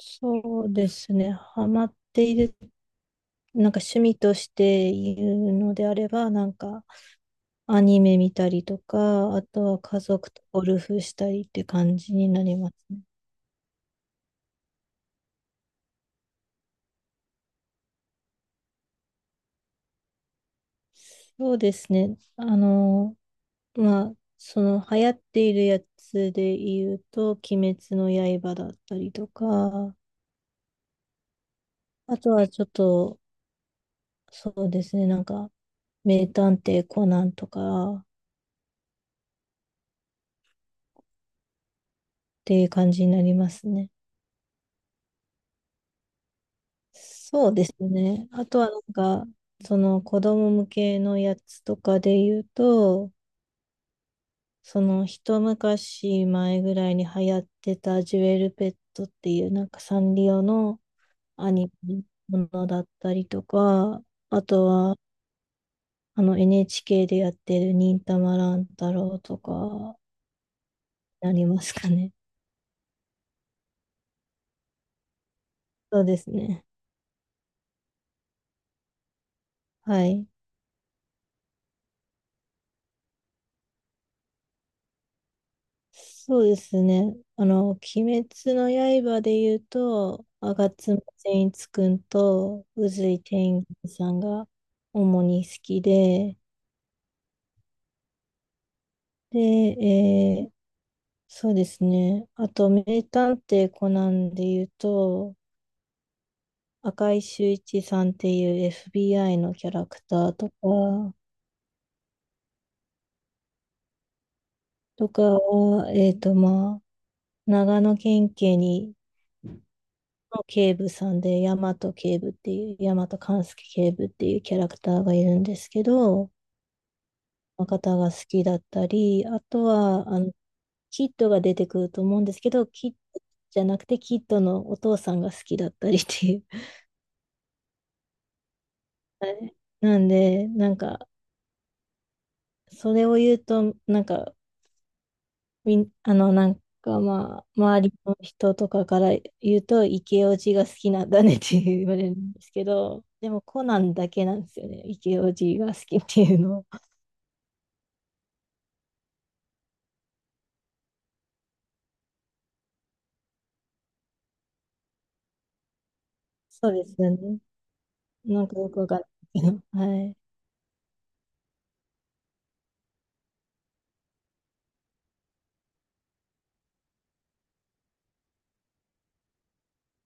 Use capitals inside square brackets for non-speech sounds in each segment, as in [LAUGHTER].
そうですね。ハマっている、趣味として言うのであれば、アニメ見たりとか、あとは家族とゴルフしたりって感じになりますね。そうですね。その流行っているやつで言うと、鬼滅の刃だったりとか、あとはちょっと、そうですね、名探偵コナンとかっていう感じになりますね。そうですね。あとはその子供向けのやつとかで言うと、その一昔前ぐらいに流行ってたジュエルペットっていうサンリオのアニメのものだったりとか、あとはあの NHK でやってる忍たま乱太郎とかなりますかね。そうですね。はい。そうですね。あの、鬼滅の刃で言うと、吾妻善逸くんと宇髄天元さんが主に好きで、で、そうですね。あと、名探偵コナンで言うと、赤井秀一さんっていう FBI のキャラクターとか、とかは、長野県警にの警部さんで、大和警部っていう、大和勘介警部っていうキャラクターがいるんですけど、の方が好きだったり、あとは、あの、キッドが出てくると思うんですけど、キッドじゃなくて、キッドのお父さんが好きだったりっていう。[LAUGHS] はい。なんで、それを言うと、なんか、みん、あの、なんかまあ、周りの人とかから言うと、イケオジが好きなんだねって言われるんですけど、でもコナンだけなんですよね。イケオジが好きっていうの。そうですよね。なんかよくわかんないけど。はい。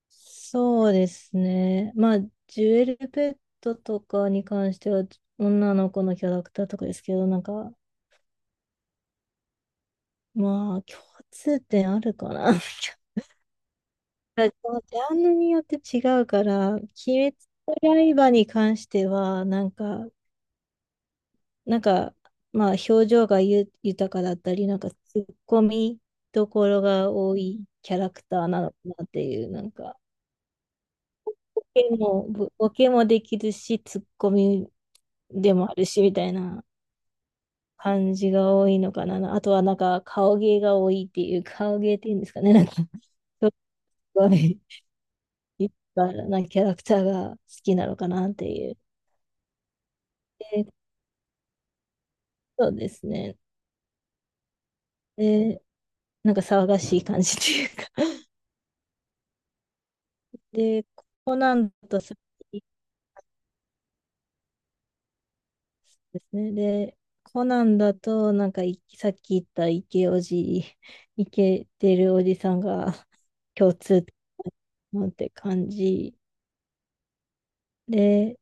そうですね。まあ、ジュエルペットとかに関しては、女の子のキャラクターとかですけど、まあ、共通点あるかな。[LAUGHS] らジャンルによって違うから、鬼滅の刃に関しては、なんか、まあ、表情がゆ豊かだったり、ツッコミどころが多いキャラクターなのかなっていう、ボケも、ぼボケもできるし、ツッコミでもあるし、みたいな感じが多いのかな。あとは、顔芸が多いっていう、顔芸っていうんですかね、[LAUGHS] すごい、いっぱいなキャラクターが好きなのかなっていう。で、そうですね。で、なんか騒がしい感じというか。[LAUGHS] で、コナンだとさっきですね。で、コナンだと、なんかいさっき言ったイケおじ、イケてるおじさんが [LAUGHS] 共通なんて感じ。で、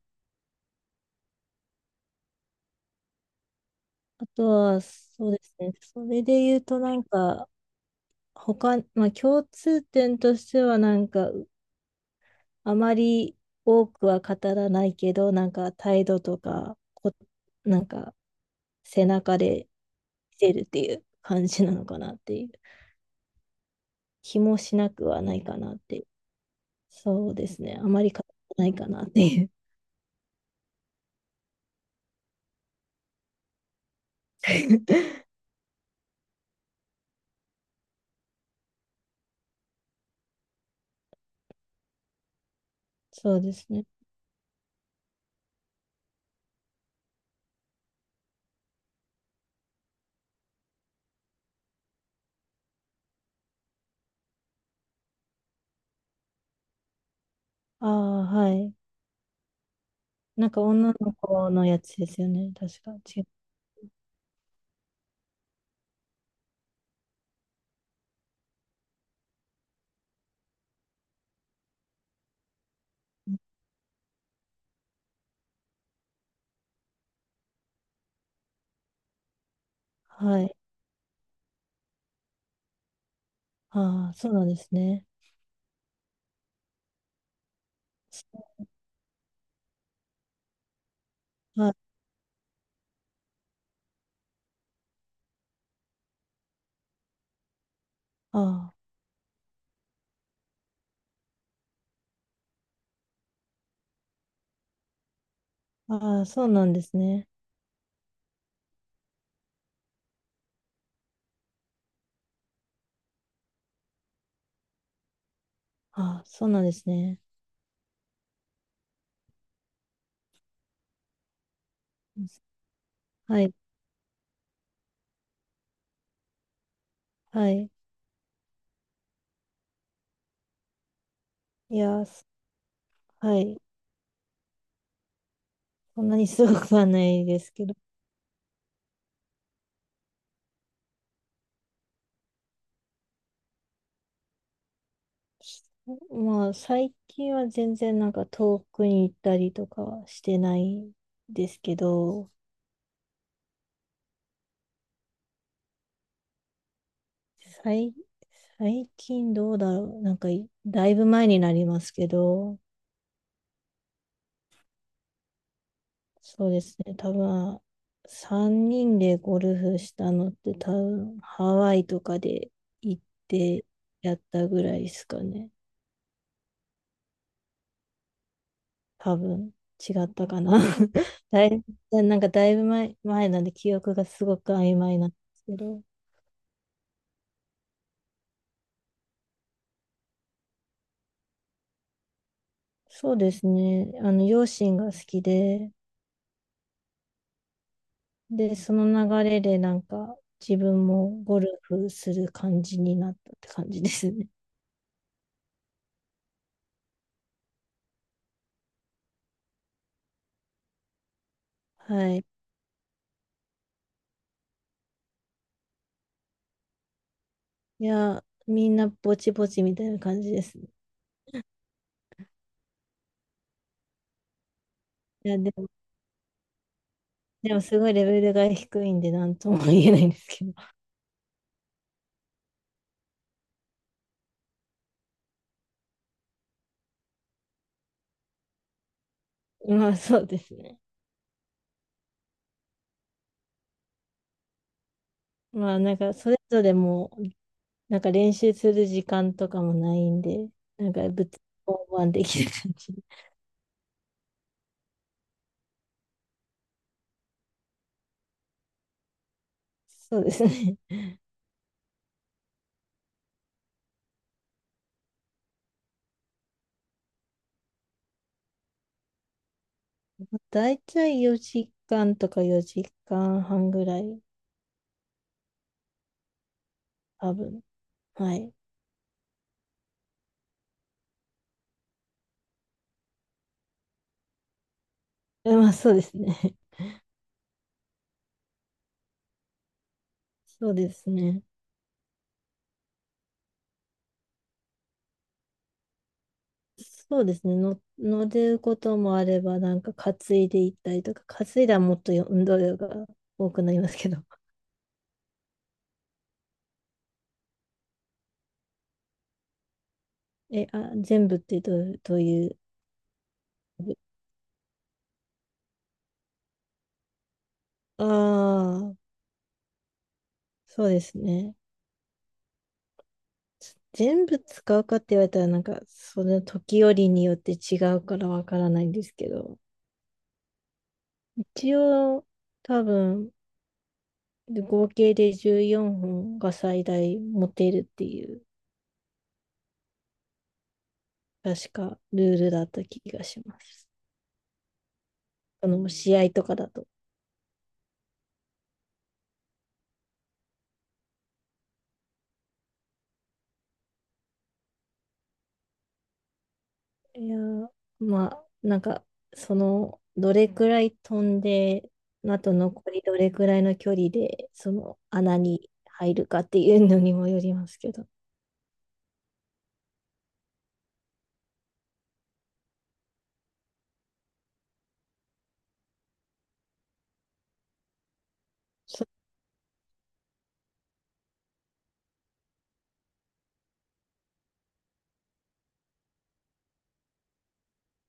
あとは、そうですね。それで言うと、他、まあ共通点としては、あまり多くは語らないけど、なんか態度とか、こ、なんか背中で見せるっていう感じなのかなっていう。気もしなくはないかなっていう。そうですね。あまり語らないかなっていう。[LAUGHS] そうですね。ああ、はい。なんか女の子のやつですよね。確か。違う。はい。ああ、そうなんですね。はい。ああ、ああ、そうなんですね。ああ、そうなんですね。はい。はい。いや、すはい。そんなにすごくはないですけど。[LAUGHS] まあ、最近は全然遠くに行ったりとかはしてないですけど、最、最近どうだろう。なんかい、だいぶ前になりますけど、そうですね。多分、3人でゴルフしたのって多分、ハワイとかで行ってやったぐらいですかね。多分違ったかな。[LAUGHS] だい、だいぶ前、なんで記憶がすごく曖昧なんですけど、そうですね。あの、両親が好きで、で、その流れで自分もゴルフする感じになったって感じですね。[LAUGHS] はい。いや、みんなぼちぼちみたいな感じですね。いや、でも、でもすごいレベルが低いんで、なんとも言えないんですけど。[LAUGHS] まあ、そうですね。まあ、それぞれも練習する時間とかもないんで、なんかぶつ交できる感じ。[LAUGHS] そうですね。[LAUGHS] だいたい4時間とか4時間半ぐらい、多分。はい。えまあそうですね。[LAUGHS] そうですね。そうですね。の、乗ることもあれば、担いでいったりとか、担いだらもっと運動量が多くなりますけど。[LAUGHS] 全部ってどういう、ああ、そうですね。全部使うかって言われたら、その時折によって違うからわからないんですけど、一応、多分、合計で14本が最大持てるっていう、確かルールだった気がします。あの、試合とかだと。いやー、まあ、その、どれくらい飛んで、あと残りどれくらいの距離で、その穴に入るかっていうのにもよりますけど。